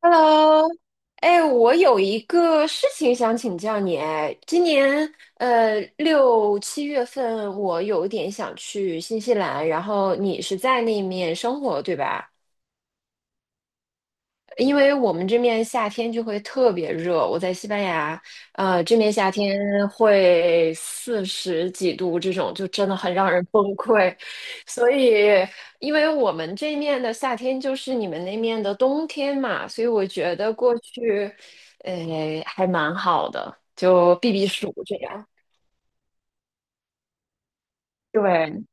Hello，哎，我有一个事情想请教你。哎，今年6、7月份，我有点想去新西兰，然后你是在那面生活，对吧？因为我们这面夏天就会特别热，我在西班牙，这面夏天会40几度，这种就真的很让人崩溃。所以，因为我们这面的夏天就是你们那面的冬天嘛，所以我觉得过去，呃，还蛮好的，就避避暑这样。对，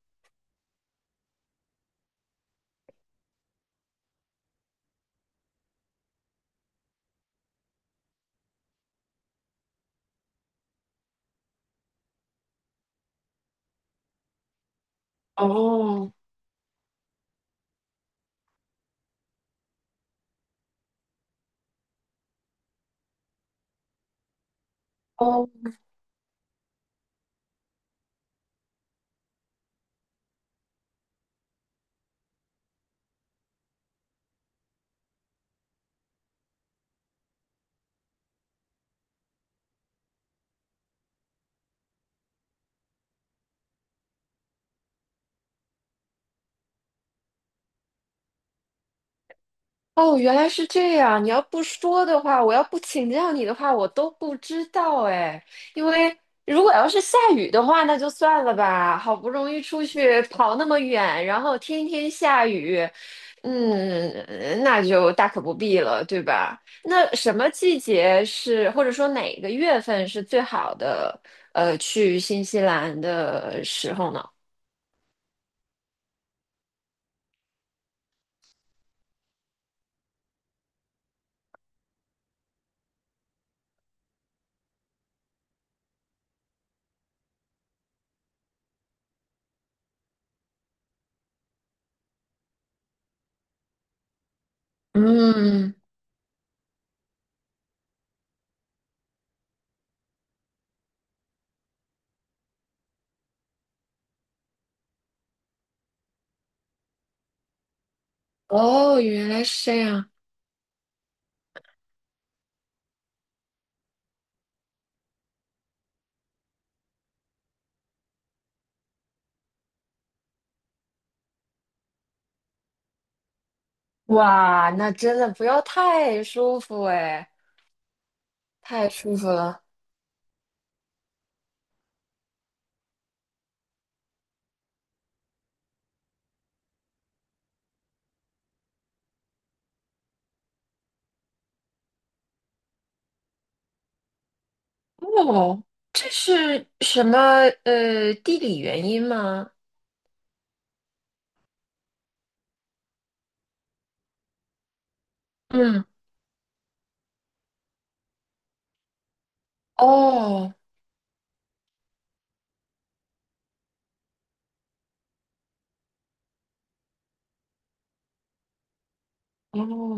哦，哦哦，原来是这样。你要不说的话，我要不请教你的话，我都不知道哎。因为如果要是下雨的话，那就算了吧。好不容易出去跑那么远，然后天天下雨，嗯，那就大可不必了，对吧？那什么季节是，或者说哪个月份是最好的，去新西兰的时候呢？嗯，哦，原来是这样。哇，那真的不要太舒服哎，太舒服了。哦，这是什么地理原因吗？嗯，哦哦，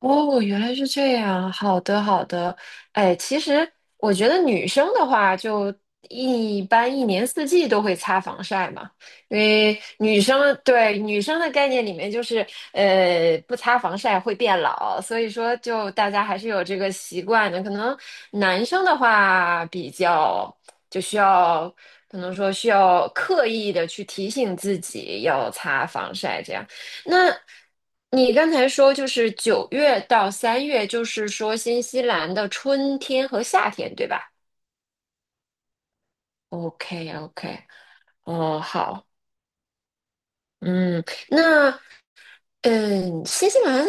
哦，原来是这样。好的，好的。哎，其实我觉得女生的话，就一般一年四季都会擦防晒嘛，因为女生对女生的概念里面就是，不擦防晒会变老，所以说就大家还是有这个习惯的。可能男生的话比较就需要，可能说需要刻意的去提醒自己要擦防晒这样。那你刚才说就是9月到3月，就是说新西兰的春天和夏天，对吧？OK OK，哦，好，嗯，那新西兰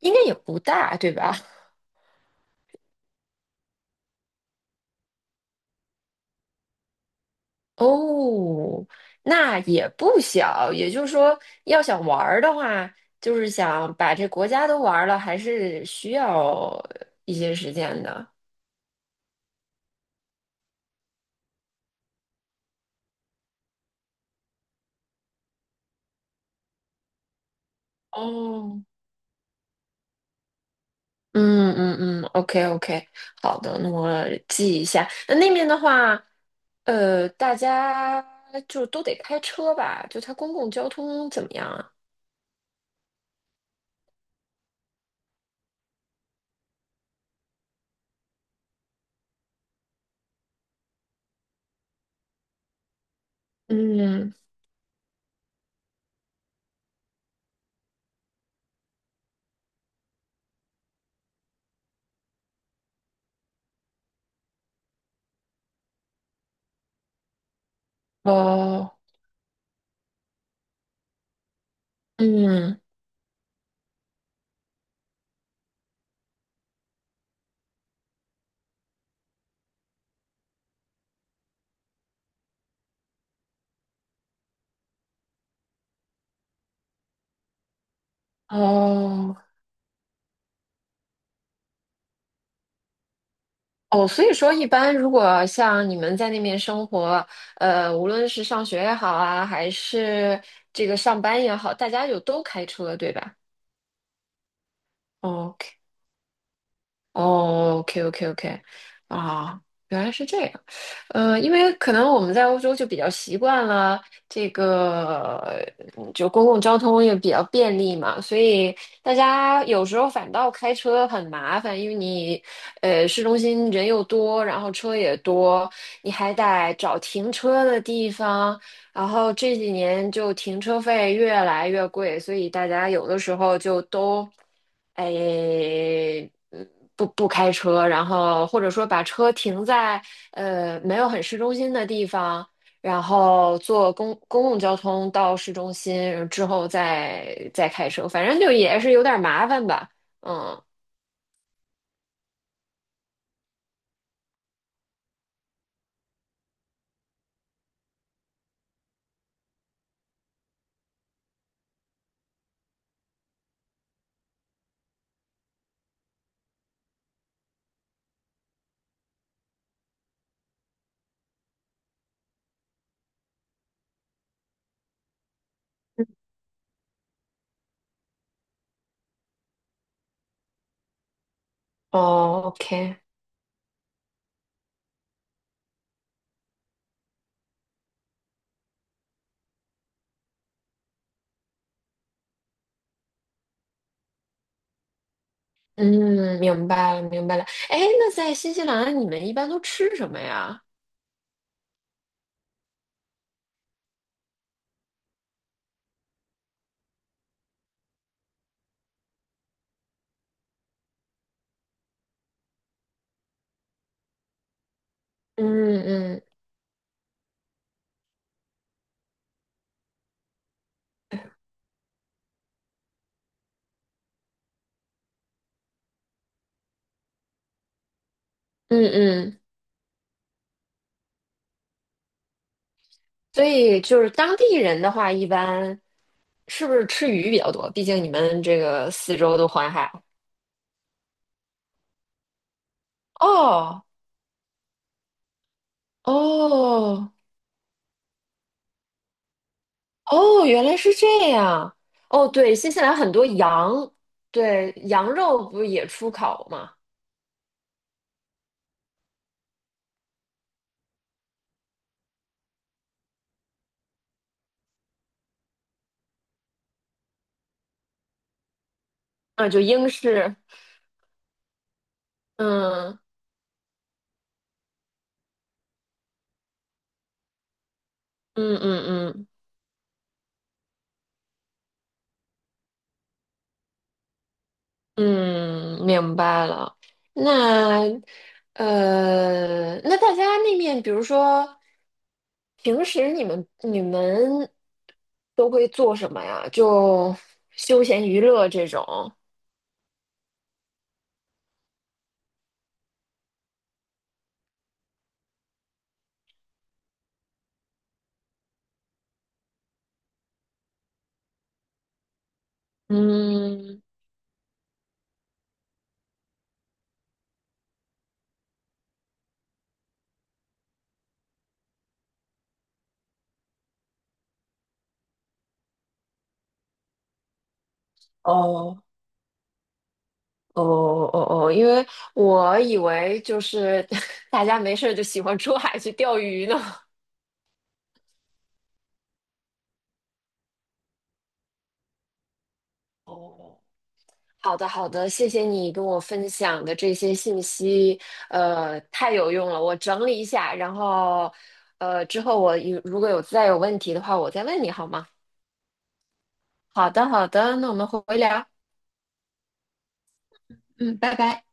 应该也不大，对吧？哦，那也不小，也就是说，要想玩儿的话，就是想把这国家都玩儿了，还是需要一些时间的。哦，嗯嗯嗯，OK OK，好的，那我记一下。那那边的话，大家就都得开车吧？就它公共交通怎么样啊？嗯，哦，嗯，哦，哦，所以说，一般如果像你们在那边生活，无论是上学也好啊，还是这个上班也好，大家就都开车，对吧哦？OK。哦，OK OK OK，啊，原来是这样，因为可能我们在欧洲就比较习惯了这个，就公共交通也比较便利嘛，所以大家有时候反倒开车很麻烦，因为你，市中心人又多，然后车也多，你还得找停车的地方，然后这几年就停车费越来越贵，所以大家有的时候就都，哎，嗯不开车，然后或者说把车停在没有很市中心的地方，然后坐公共交通到市中心之后再开车，反正就也是有点麻烦吧，嗯。哦，OK，嗯，明白了，明白了。哎，那在新西兰你们一般都吃什么呀？嗯嗯嗯嗯，所以就是当地人的话，一般是不是吃鱼比较多？毕竟你们这个四周都环海。哦哦哦，原来是这样。哦，对，新西兰很多羊，对，羊肉不是也出口吗？啊，就英式。嗯嗯嗯嗯。嗯，明白了。那那大家那面，比如说平时你们都会做什么呀？就休闲娱乐这种。嗯，哦哦哦哦，因为我以为就是 大家没事儿就喜欢出海去钓鱼呢。哦好的，好的，谢谢你跟我分享的这些信息，太有用了。我整理一下，然后，之后如果有再有问题的话，我再问你好吗？好的，好的，那我们回聊，嗯，拜拜。